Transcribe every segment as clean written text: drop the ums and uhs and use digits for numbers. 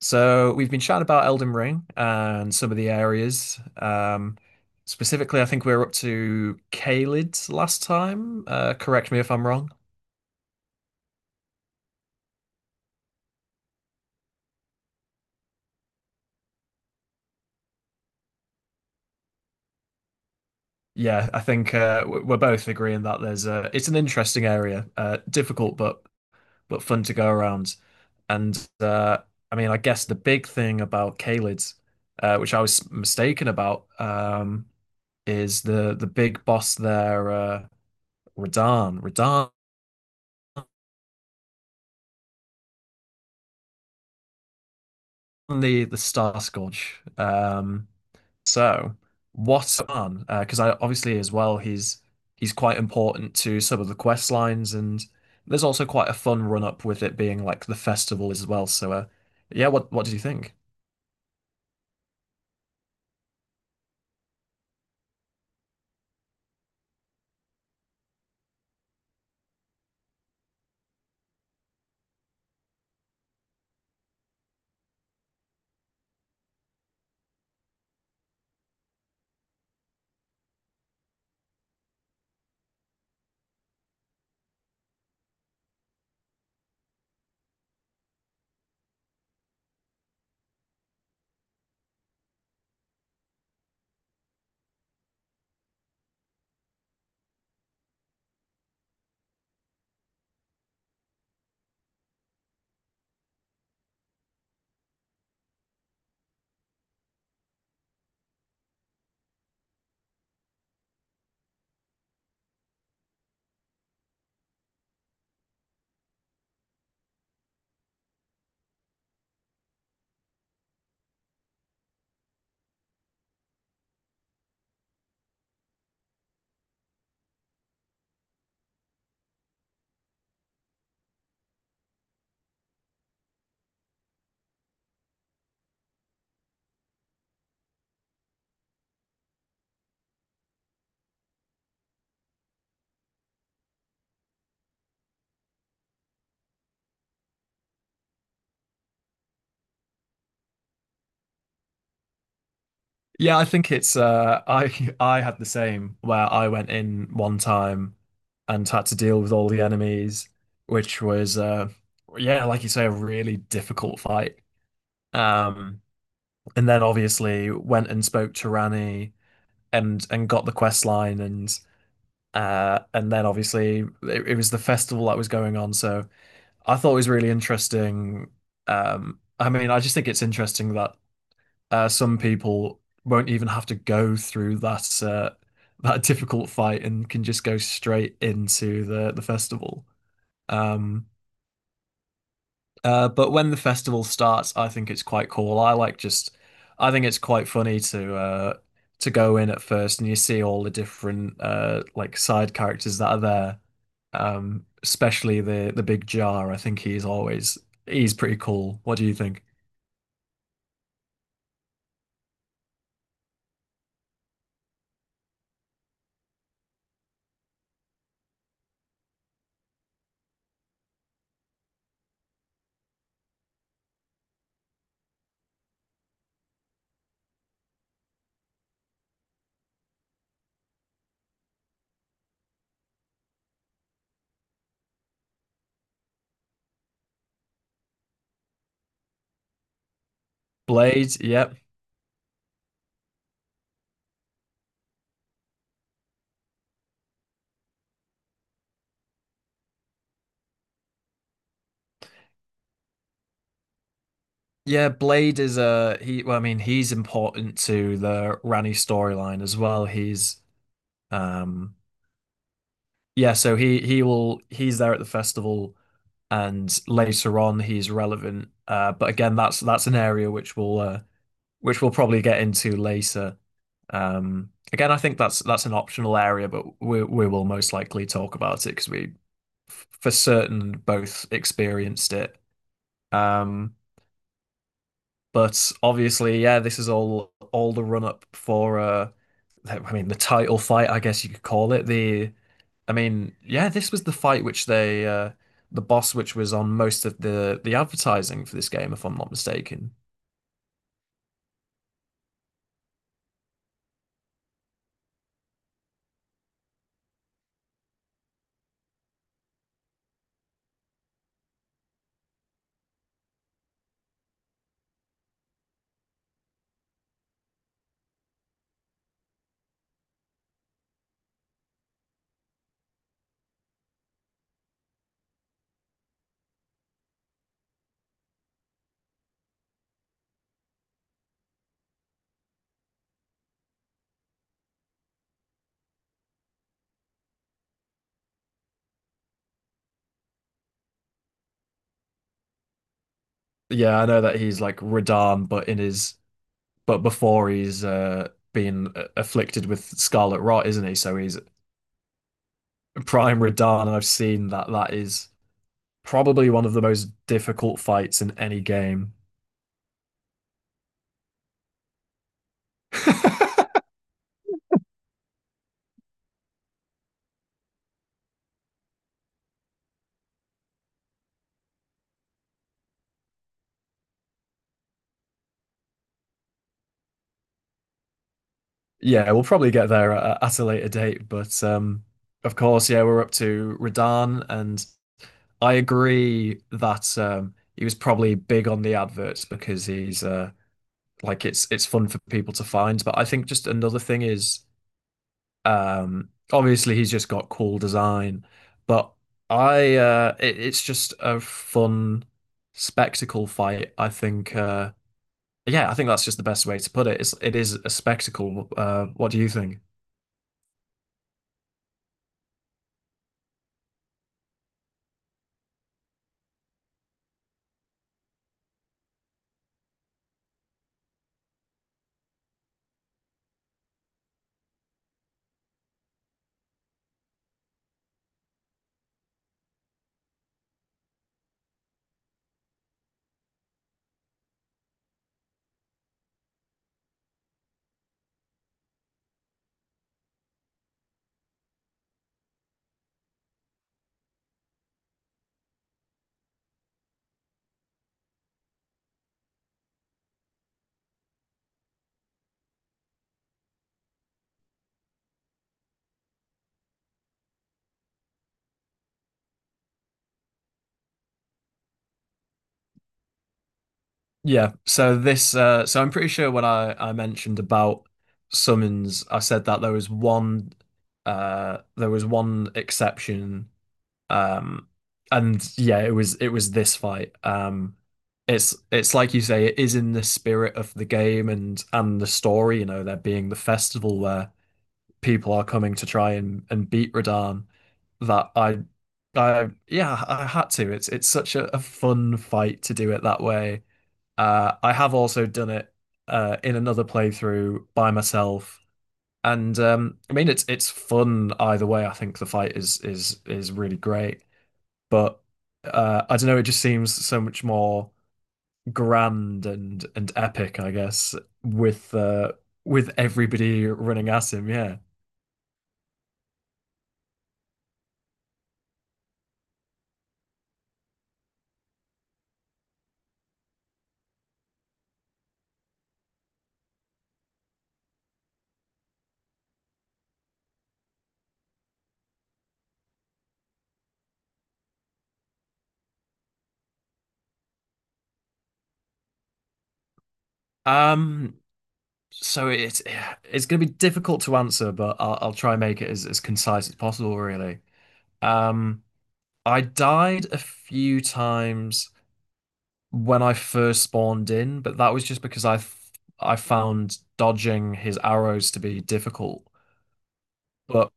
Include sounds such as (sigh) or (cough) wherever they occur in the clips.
So we've been chatting about Elden Ring and some of the areas. Specifically, I think we were up to Caelid last time. Correct me if I'm wrong. Yeah, I think we're both agreeing that it's an interesting area, difficult but fun to go around. And I mean, I guess the big thing about Caelid, which I was mistaken about, is the big boss there, Radahn. Radahn. The Star Scourge. So what's on? Because I obviously as well he's quite important to some of the quest lines, and there's also quite a fun run up with it being like the festival as well. Yeah, what did you think? Yeah, I think it's I (laughs) I had the same where I went in one time and had to deal with all the enemies, which was yeah, like you say, a really difficult fight. Um, and then obviously went and spoke to Rani and got the quest line and then obviously it was the festival that was going on. So I thought it was really interesting. I mean, I just think it's interesting that some people won't even have to go through that (laughs) difficult fight and can just go straight into the festival. Um, but when the festival starts, I think it's quite cool. I think it's quite funny to go in at first and you see all the different like side characters that are there. Especially the big jar. I think he's pretty cool. What do you think? Blade, yep. Yeah, Blade is I mean, he's important to the Rani storyline as well. He's um Yeah, so he's there at the festival and later on he's relevant. But again, that's an area which we'll probably get into later. Again, I think that's an optional area, but we will most likely talk about it because for certain both experienced it. Um, but obviously, yeah, this is all the run up for I mean the title fight, I guess you could call it the I mean, yeah, this was the fight which they the boss which was on most of the advertising for this game, if I'm not mistaken. Yeah, I know that he's like Radan, but in his but before he's afflicted with scarlet rot, isn't he? So he's prime Radan, and I've seen that that is probably one of the most difficult fights in any game. Yeah, we'll probably get there at a later date, but of course, yeah, we're up to Radan and I agree that he was probably big on the adverts because he's like it's fun for people to find. But I think just another thing is obviously he's just got cool design, but it's just a fun spectacle fight. I think yeah, I think that's just the best way to put it. It is a spectacle. What do you think? So I'm pretty sure when I mentioned about summons, I said that there was one exception um and yeah, it was this fight. It's like you say, it is in the spirit of the game and the story, you know, there being the festival where people are coming to try and beat Radahn that I yeah, I had to. It's such a fun fight to do it that way. I have also done it in another playthrough by myself, and I mean it's fun either way. I think the fight is really great, but I don't know. It just seems so much more grand and epic, I guess, with uh, with everybody running at him. Yeah. Um. So it's going to be difficult to answer, but I'll try and make it as concise as possible. Really. Um. I died a few times when I first spawned in, but that was just because I found dodging his arrows to be difficult. But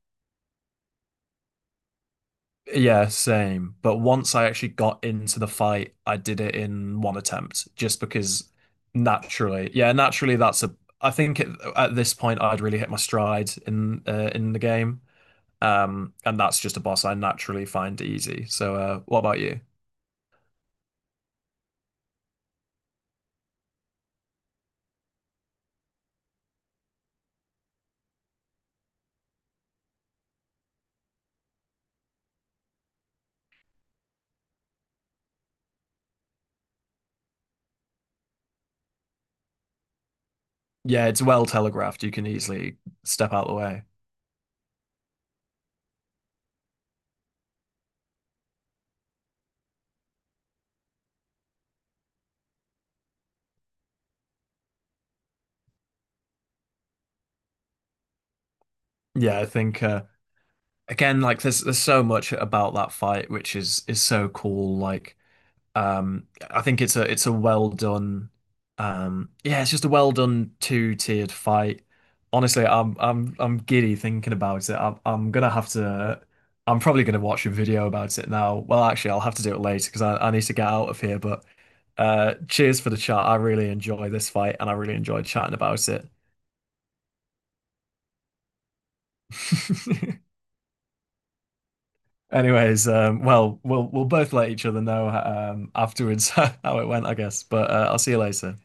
yeah, same. But once I actually got into the fight, I did it in one attempt just because naturally, yeah, naturally that's a I think at this point I'd really hit my stride in the game. And that's just a boss I naturally find easy. So, what about you? Yeah, it's well telegraphed. You can easily step out of the way. Yeah, I think again, like there's so much about that fight which is so cool, like I think it's a well done yeah, it's just a well done two-tiered fight, honestly. I'm giddy thinking about it. I'm gonna have to, I'm probably gonna watch a video about it now. Well, actually I'll have to do it later because I need to get out of here. But cheers for the chat. I really enjoy this fight and I really enjoyed chatting about it. (laughs) Anyways, well, we'll both let each other know afterwards (laughs) how it went, I guess. But I'll see you later.